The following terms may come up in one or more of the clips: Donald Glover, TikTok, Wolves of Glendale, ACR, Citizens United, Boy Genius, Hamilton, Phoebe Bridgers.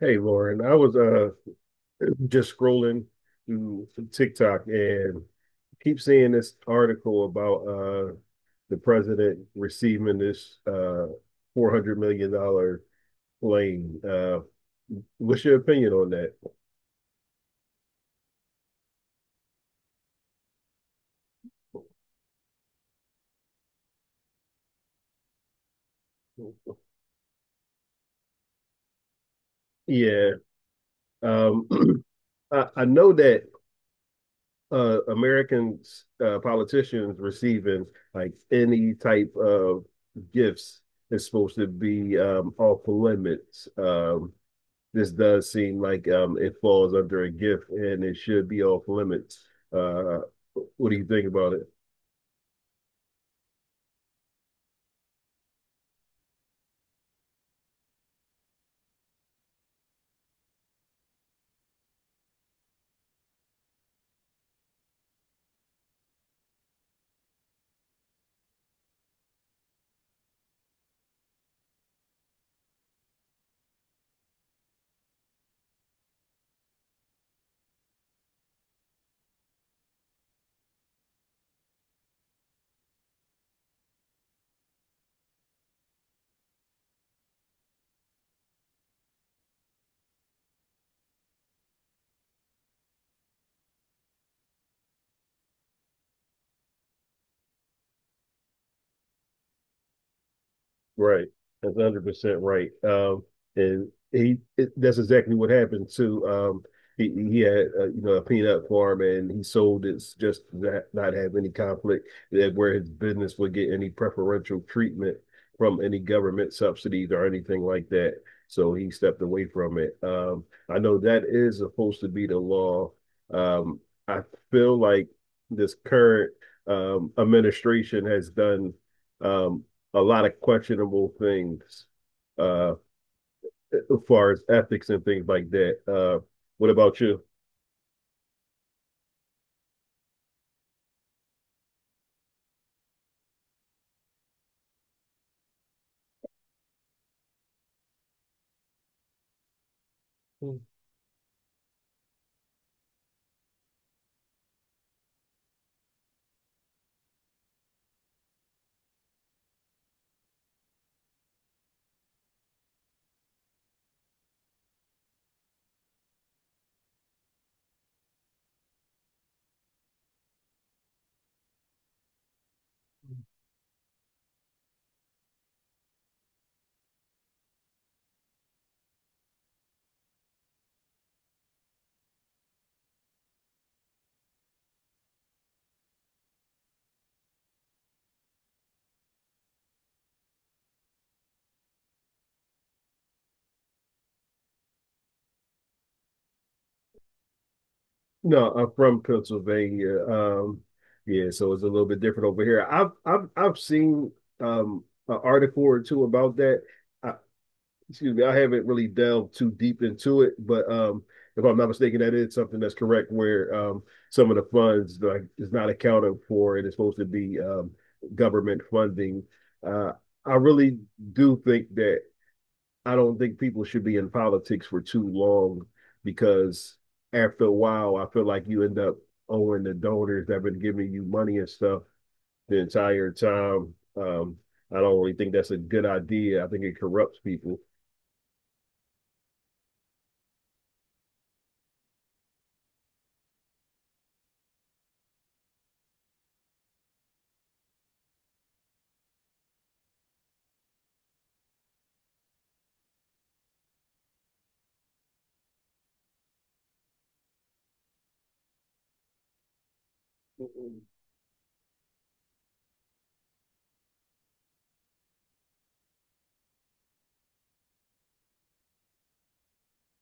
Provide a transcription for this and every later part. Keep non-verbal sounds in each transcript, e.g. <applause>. Hey Lauren, I was just scrolling through TikTok and keep seeing this article about the president receiving this $400 million plane. What's your opinion on that? Yeah. Um <clears throat> I know that American politicians receiving like any type of gifts is supposed to be off limits. This does seem like it falls under a gift and it should be off limits. Uh, what do you think about it? Right. That's 100% right. And that's exactly what happened to he had you know a peanut farm and he sold it just not have any conflict that where his business would get any preferential treatment from any government subsidies or anything like that. So he stepped away from it. I know that is supposed to be the law. Um, I feel like this current administration has done um a lot of questionable things uh, as far as ethics and things like that. What about you? No, I'm from Pennsylvania. Yeah, so it's a little bit different over here. I've seen an article or two about that. I, excuse me, I haven't really delved too deep into it, but if I'm not mistaken, that is something that's correct where some of the funds like is not accounted for and it's supposed to be government funding. Uh, I really do think that I don't think people should be in politics for too long because after a while, I feel like you end up owing the donors that have been giving you money and stuff the entire time. I don't really think that's a good idea. I think it corrupts people.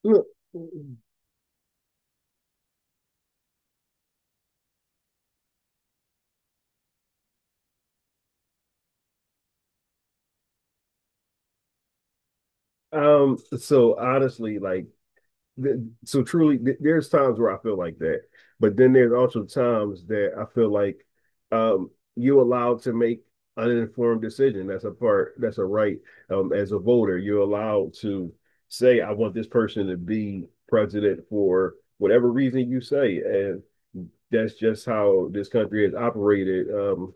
Look, so honestly, like, th- so truly, there's times where I feel like that, but then there's also times that I feel like, um, you're allowed to make an informed decision. That's a part. That's a right. As a voter, you're allowed to say, "I want this person to be president for whatever reason you say," and that's just how this country has operated.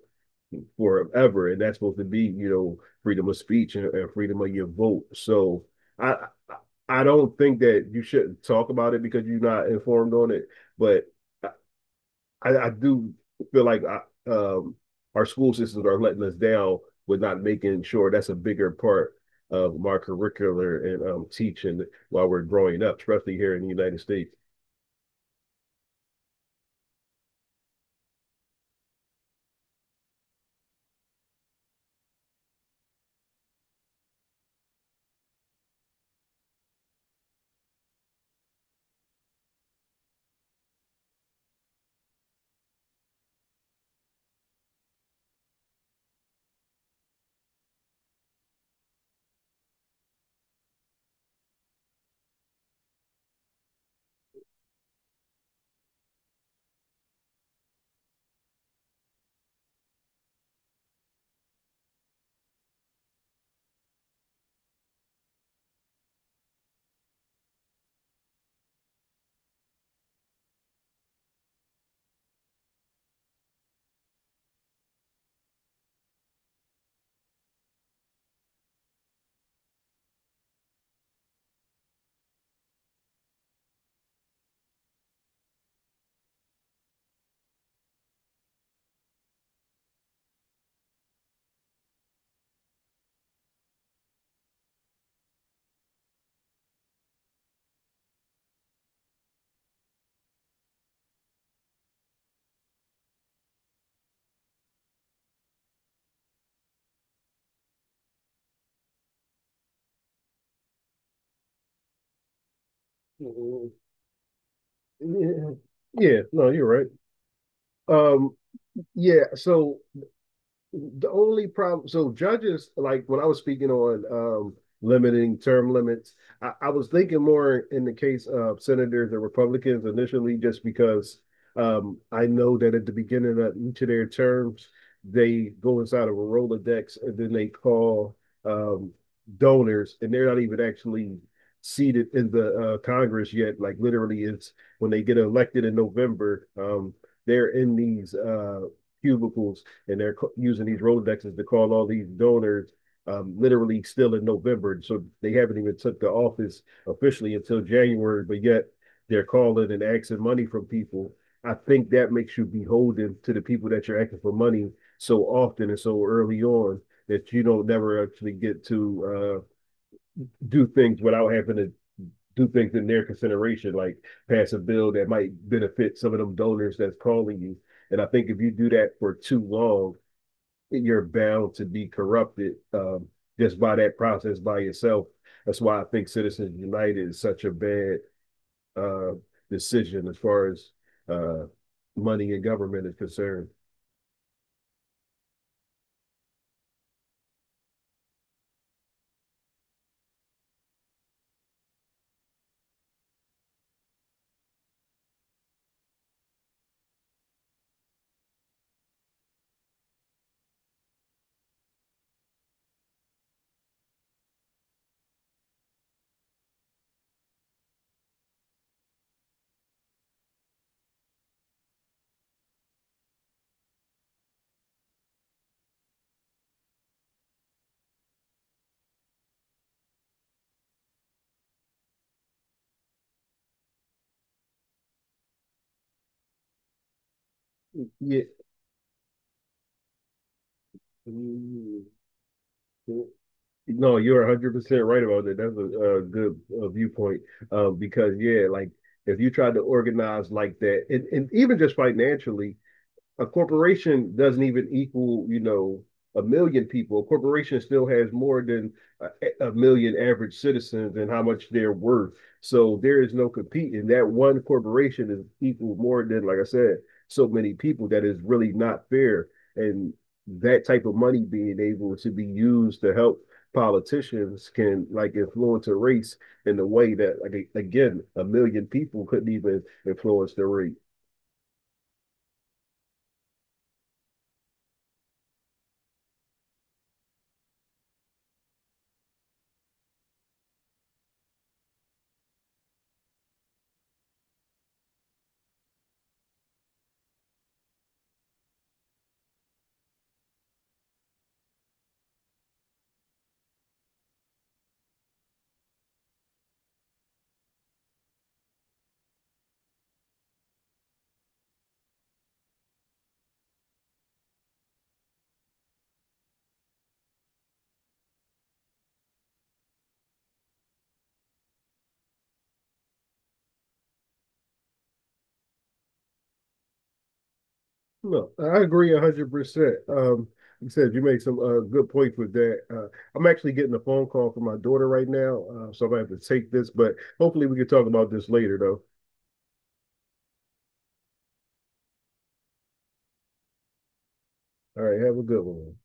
Forever, and that's supposed to be, you know, freedom of speech and freedom of your vote. So I I don't think that you shouldn't talk about it because you're not informed on it, but I do feel like um, our school systems are letting us down with not making sure that's a bigger part of our curricular and teaching while we're growing up, especially here in the United States. Mhm. Yeah, yeah, no, you're right. Um, yeah, so the only problem, so judges, like when I was speaking on limiting term limits, I was thinking more in the case of senators and republicans initially just because I know that at the beginning of each of their terms they go inside of a rolodex and then they call um donors and they're not even actually seated in the congress yet, like literally it's when they get elected in November. They're in these cubicles and they're using these Rolodexes to call all these donors. Literally still in November, so they haven't even took the office officially until January, but yet they're calling and asking money from people. I think that makes you beholden to the people that you're asking for money so often and so early on that you don't never actually get to do things without having to do things in their consideration, like pass a bill that might benefit some of them donors that's calling you. And I think if you do that for too long, you're bound to be corrupted, just by that process by yourself. That's why I think Citizens United is such a bad uh, decision as far as uh, money in government is concerned. Yeah. Mm-hmm. No, you're 100% right about that. That's a good viewpoint, because, yeah, like if you tried to organize like that, and even just financially, a corporation doesn't even equal, you know, a million people. A corporation still has more than a million average citizens and how much they're worth. So there is no competing. That one corporation is equal more than, like I said, so many people that is really not fair. And that type of money being able to be used to help politicians can like influence a race in a way that like again a million people couldn't even influence the race. Look, I agree 100%. You said you make some good points with that. I'm actually getting a phone call from my daughter right now, so I'm gonna have to take this, but hopefully we can talk about this later, though. All right, have a good one.